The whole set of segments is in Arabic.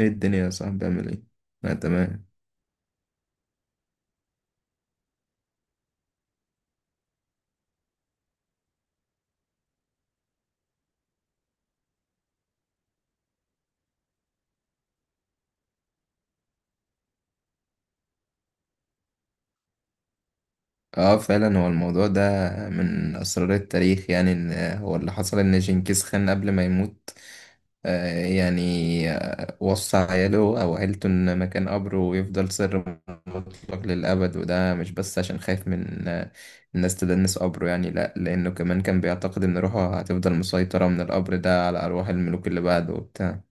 ايه الدنيا يا صاحبي عامل ايه؟ لا، تمام. اه، فعلا هو الموضوع ده من اسرار التاريخ، يعني ان هو اللي حصل ان جنكيز خان قبل ما يموت، آه يعني وصى عياله او عيلته ان مكان قبره يفضل سر مطلق للابد. وده مش بس عشان خايف من الناس تدنس قبره، يعني لا، لانه كمان كان بيعتقد ان روحه هتفضل مسيطرة من القبر ده على ارواح الملوك اللي بعده وبتاع.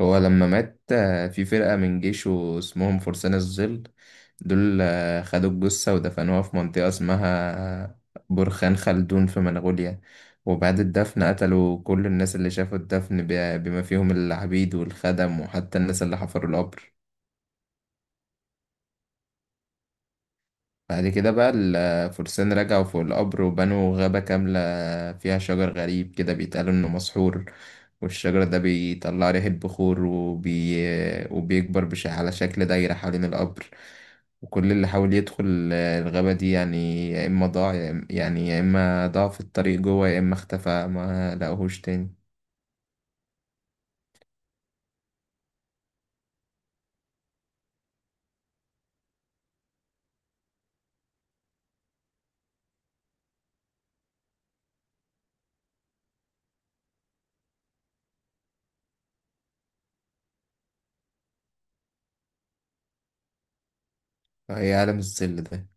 هو لما مات، في فرقة من جيشه اسمهم فرسان الظل. دول خدوا الجثة ودفنوها في منطقة اسمها آه، برخان خلدون في منغوليا. وبعد الدفن قتلوا كل الناس اللي شافوا الدفن، بما فيهم العبيد والخدم وحتى الناس اللي حفروا القبر. بعد كده بقى الفرسان رجعوا فوق القبر وبنوا غابة كاملة فيها شجر غريب كده بيتقال إنه مسحور. والشجر ده بيطلع ريح البخور وبيكبر على شكل دايرة حوالين القبر. وكل اللي حاول يدخل الغابة دي، يعني يا إما ضاع، يا إما ضاع في الطريق جوه، يا إما اختفى ما لقوهوش تاني. فهي عالم الظل ده.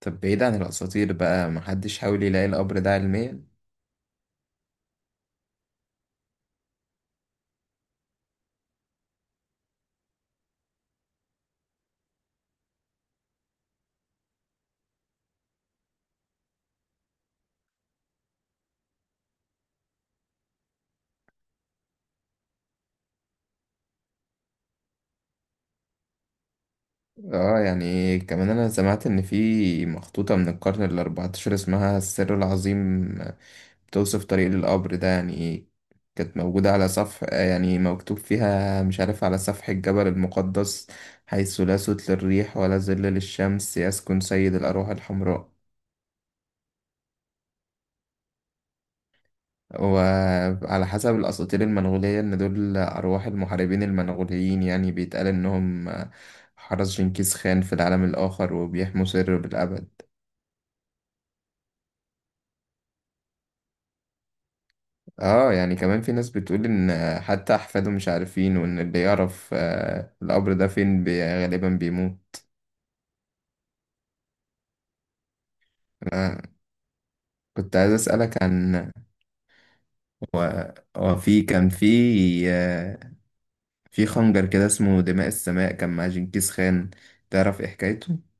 طب بعيد عن الأساطير بقى، محدش حاول يلاقي القبر ده علميا؟ اه، يعني كمان أنا سمعت إن في مخطوطة من القرن الأربعتاشر اسمها السر العظيم، بتوصف طريق القبر ده، يعني ايه. كانت موجودة على صفح، يعني مكتوب فيها مش عارف، على سفح الجبل المقدس، حيث لا صوت للريح ولا ظل للشمس يسكن سيد الأرواح الحمراء. وعلى حسب الأساطير المنغولية، إن دول أرواح المحاربين المنغوليين، يعني بيتقال إنهم حرس جنكيز خان في العالم الآخر وبيحموا سره بالأبد. اه، يعني كمان في ناس بتقول ان حتى احفاده مش عارفين، وان اللي يعرف القبر ده فين غالبا بيموت. أنا كنت عايز أسألك عن هو في كان في آه، في خنجر كده اسمه دماء السماء، كان مع جنكيز خان. تعرف إيه حكايته؟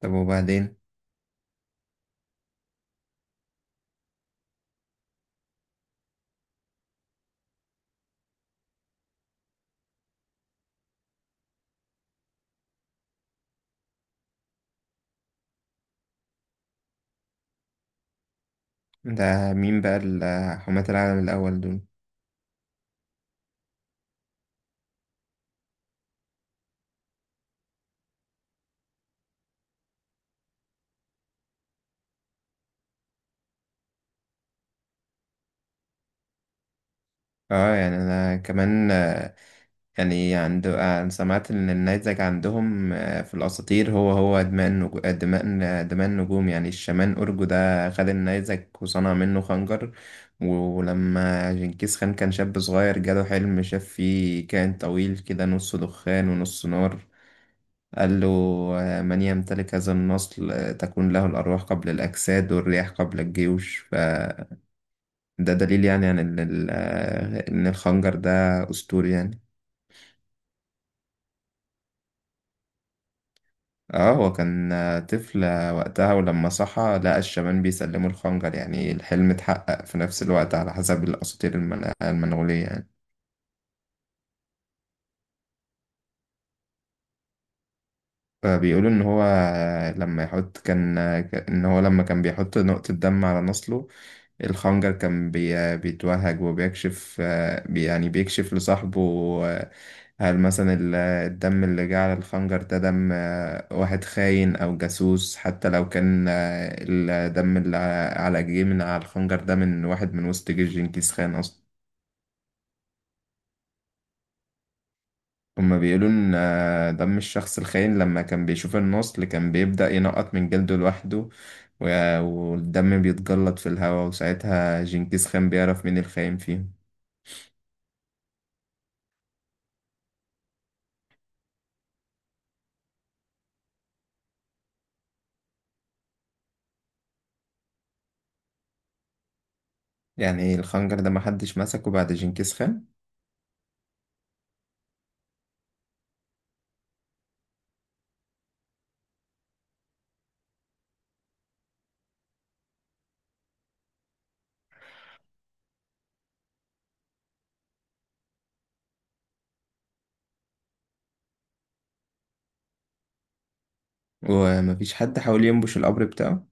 طب وبعدين، ده مين بقى حماة العالم الأول دول؟ اه، يعني أنا كمان، آه، يعني عند آه، سمعت إن النيزك عندهم في الأساطير، هو دماء النجو... آه، دماء آه، دماء النجوم. يعني الشامان أورجو ده خد النيزك وصنع منه خنجر. ولما جنكيز خان كان شاب صغير، جاله حلم شاف فيه كائن طويل كده نص دخان ونص نار، قال له: من يمتلك هذا النصل تكون له الأرواح قبل الأجساد والرياح قبل الجيوش. فده دليل، يعني عن إن إن الخنجر ده أسطوري يعني. اه، هو كان طفل وقتها، ولما صحى لقى الشبان بيسلموا الخنجر، يعني الحلم اتحقق في نفس الوقت على حسب الأساطير المنغولية يعني. فبيقولوا ان هو لما كان بيحط نقطة دم على نصله، الخنجر كان بيتوهج وبيكشف آه، بي- يعني بيكشف لصاحبه آه، هل مثلا الدم اللي جه على الخنجر ده دم واحد خاين أو جاسوس، حتى لو كان الدم اللي جه من على الخنجر ده من واحد من وسط جيش جنكيز خان أصلا. هما بيقولوا إن دم الشخص الخاين لما كان بيشوف النصل كان بيبدأ ينقط من جلده لوحده. والدم بيتجلط في الهواء، وساعتها جنكيز خان بيعرف مين الخاين فيهم. يعني إيه، الخنجر ده محدش مسكه بعد جنكيز خان؟ ومفيش حد حاول ينبش القبر بتاعه؟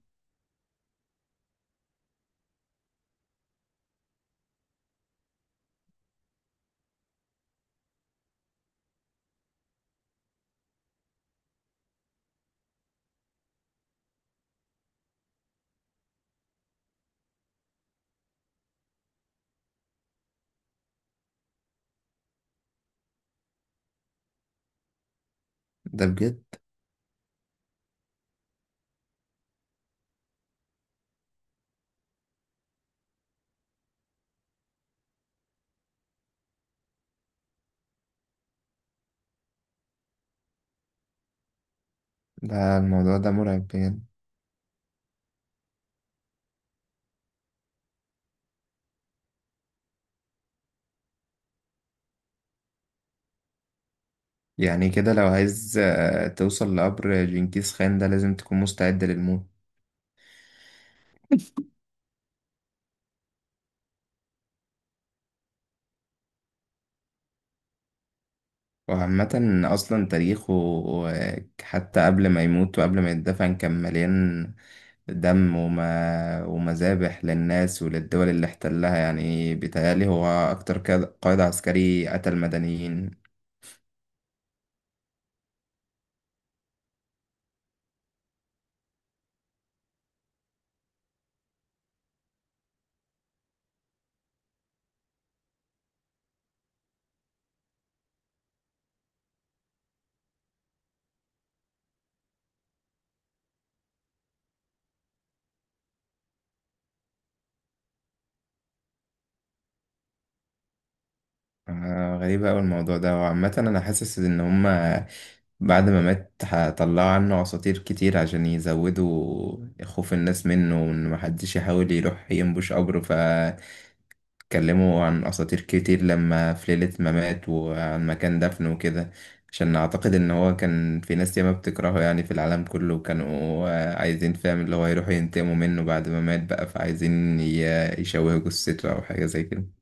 ده بجد. ده الموضوع ده مرعب بجد. يعني كده لو عايز توصل لقبر جنكيز خان ده، لازم تكون مستعد للموت. وعامة أصلا تاريخه، حتى قبل ما يموت وقبل ما يتدفن، كان مليان دم وما ومذابح للناس وللدول اللي احتلها. يعني بيتهيألي هو أكتر قائد عسكري قتل مدنيين. غريبة أوي الموضوع ده. وعامة أنا حاسس إن هما بعد ما مات هطلعوا عنه أساطير كتير عشان يزودوا خوف الناس منه وإن محدش يحاول يروح ينبش قبره. اتكلموا عن أساطير كتير لما في ليلة ما مات وعن مكان دفنه وكده، عشان أعتقد إن هو كان في ناس ياما بتكرهه، يعني في العالم كله، وكانوا عايزين، فاهم اللي هو، يروحوا ينتقموا منه بعد ما مات بقى. فعايزين يشوهوا جثته أو حاجة زي كده.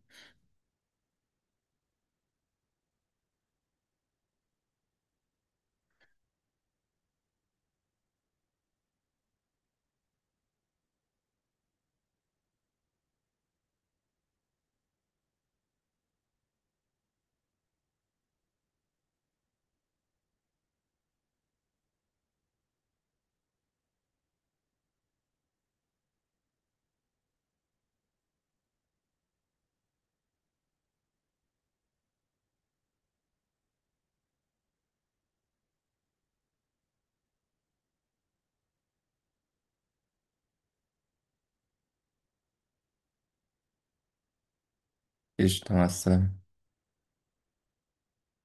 قشطة، مع السلامة.